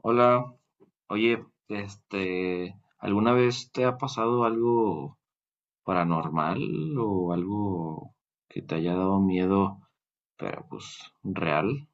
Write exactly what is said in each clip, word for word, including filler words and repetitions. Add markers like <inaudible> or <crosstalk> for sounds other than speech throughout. Hola, oye, este, ¿alguna vez te ha pasado algo paranormal o algo que te haya dado miedo, pero pues real?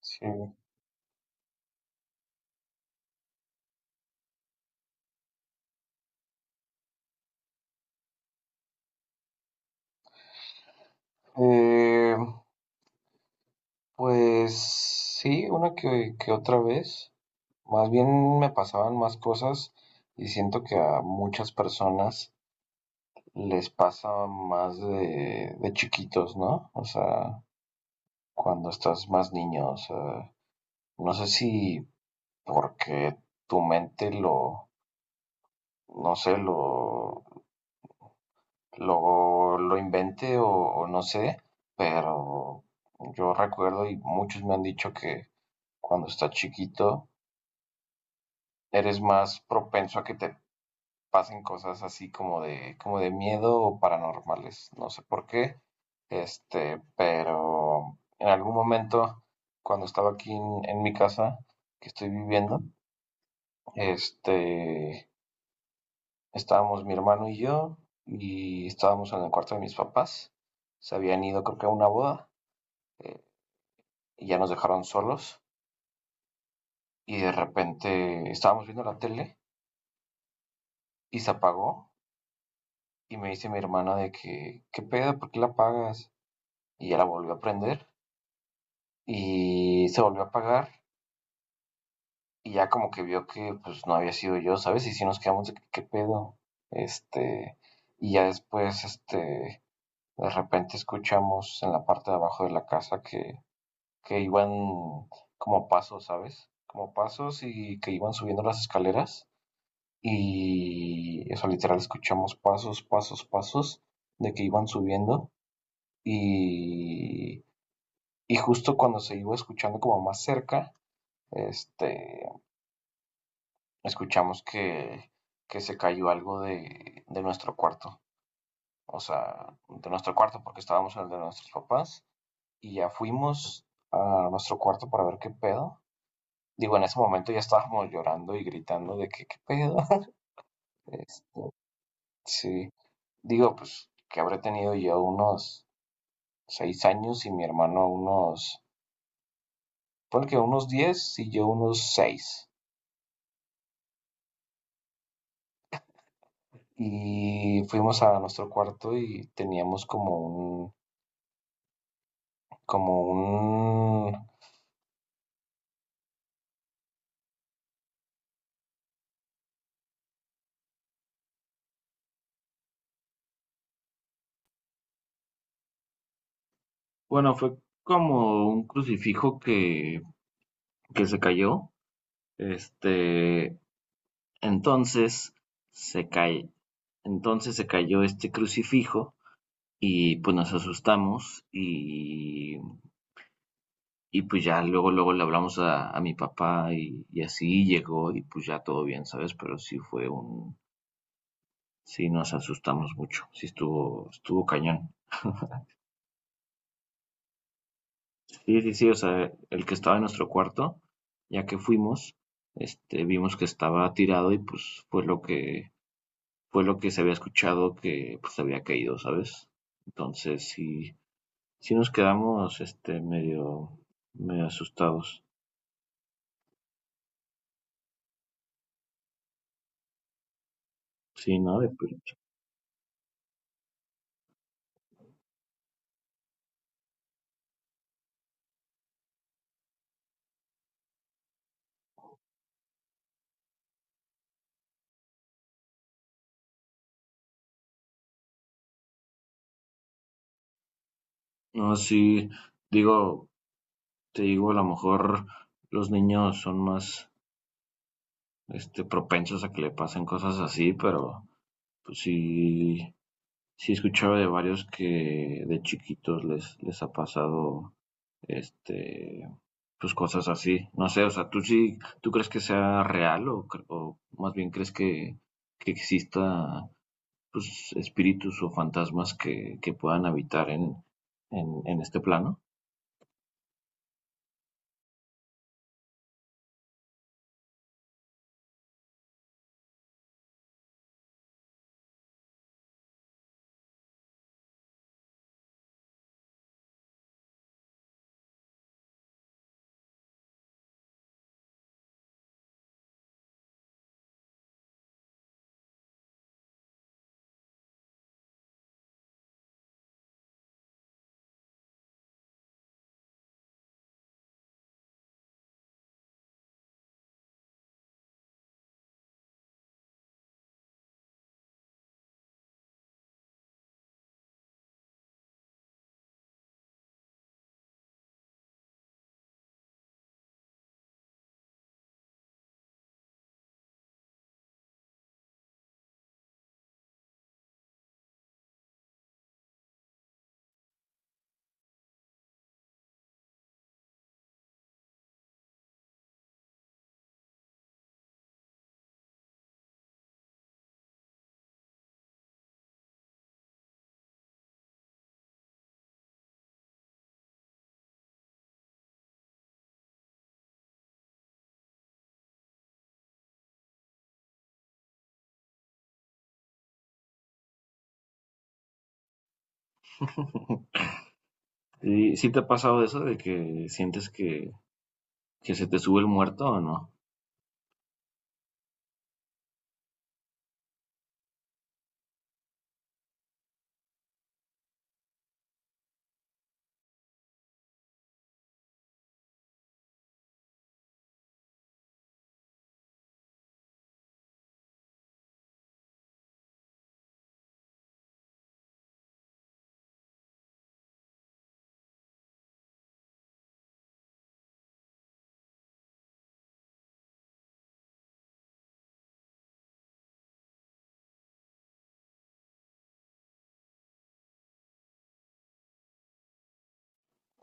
Sí. Eh, pues sí, una que, que otra vez. Más bien me pasaban más cosas y siento que a muchas personas les pasa más de, de chiquitos, ¿no? O sea, cuando estás más niño, o sea, no sé si porque tu mente lo, no sé, lo, lo, lo invente o, o no sé, pero yo recuerdo y muchos me han dicho que cuando estás chiquito eres más propenso a que te pasen cosas así como de, como de miedo o paranormales, no sé por qué, este, pero en algún momento cuando estaba aquí en, en mi casa que estoy viviendo, este, estábamos mi hermano y yo, y estábamos en el cuarto de mis papás. Se habían ido, creo que a una boda, eh, y ya nos dejaron solos. Y de repente estábamos viendo la tele y se apagó. Y me dice mi hermana de que, ¿qué pedo? ¿Por qué la apagas? Y ya la volvió a prender y se volvió a apagar. Y ya como que vio que pues no había sido yo, ¿sabes? Y si nos quedamos de que, ¿qué pedo? Este, y ya después, este, de repente escuchamos en la parte de abajo de la casa que que iban como pasos, ¿sabes? Como pasos y que iban subiendo las escaleras. Y eso literal escuchamos pasos, pasos, pasos de que iban subiendo. Y, y justo cuando se iba escuchando como más cerca, este, escuchamos que, que se cayó algo de, de nuestro cuarto. O sea, de nuestro cuarto porque estábamos en el de nuestros papás. Y ya fuimos a nuestro cuarto para ver qué pedo. Digo, en ese momento ya estábamos llorando y gritando de que qué pedo. <laughs> Este, sí, digo, pues que habré tenido yo unos seis años y mi hermano unos, ponle que unos diez y yo unos seis. Y fuimos a nuestro cuarto y teníamos como un, como un, bueno, fue como un crucifijo que, que se cayó. Este, entonces se cae, entonces se cayó este crucifijo y pues nos asustamos y, y pues ya luego, luego le hablamos a, a mi papá y, y así llegó y pues ya todo bien, ¿sabes? Pero sí fue un, sí nos asustamos mucho, sí estuvo, estuvo cañón. Sí, sí, sí, o sea, el que estaba en nuestro cuarto, ya que fuimos, este, vimos que estaba tirado y pues fue lo que, fue lo que se había escuchado que pues había caído, ¿sabes? Entonces sí, sí nos quedamos, este, medio, medio asustados. Sí, no, de plano. No, sí, digo, te digo, a lo mejor los niños son más, este, propensos a que le pasen cosas así, pero pues sí, sí escuchaba de varios que de chiquitos les, les ha pasado, este, pues cosas así. No sé, o sea, ¿tú sí, tú crees que sea real o, cre- o más bien crees que, que exista, pues, espíritus o fantasmas que, que puedan habitar en, en, en este plano? ¿Y sí te ha pasado eso de que sientes que, que se te sube el muerto o no?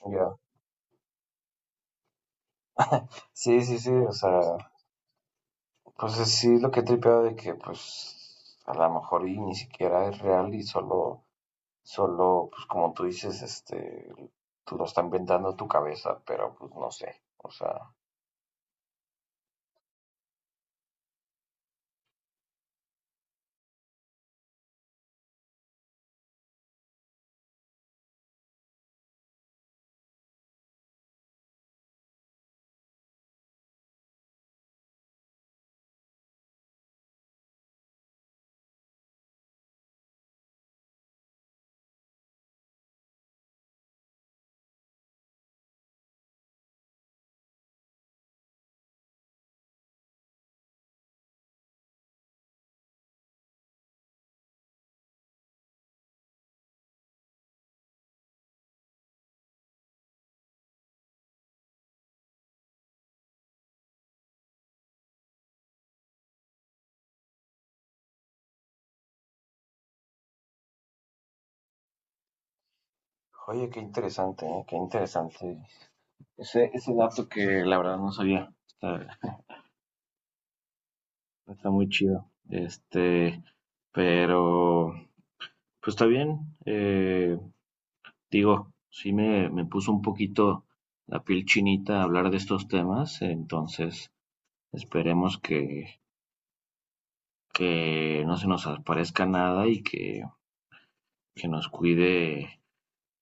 Ya. Sí, sí, sí, o sea, pues es- sí lo que he tripeado de que pues a lo mejor y ni siquiera es real y solo, solo, pues como tú dices, este, tú lo estás inventando tu cabeza, pero pues no sé, o sea, oye, qué interesante, ¿eh? Qué interesante. Ese, ese dato que la verdad no sabía. Está, Está muy chido. Este, pero pues está bien. eh, Digo, sí me, me puso un poquito la piel chinita hablar de estos temas, entonces esperemos que, que no se nos aparezca nada y que, que nos cuide,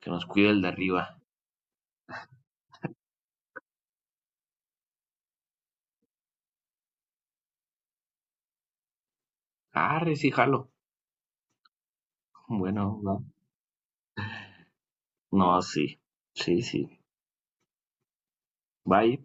que nos cuide el de arriba. Arre, sí, jalo. Bueno, va. No, sí, sí, sí. Bye.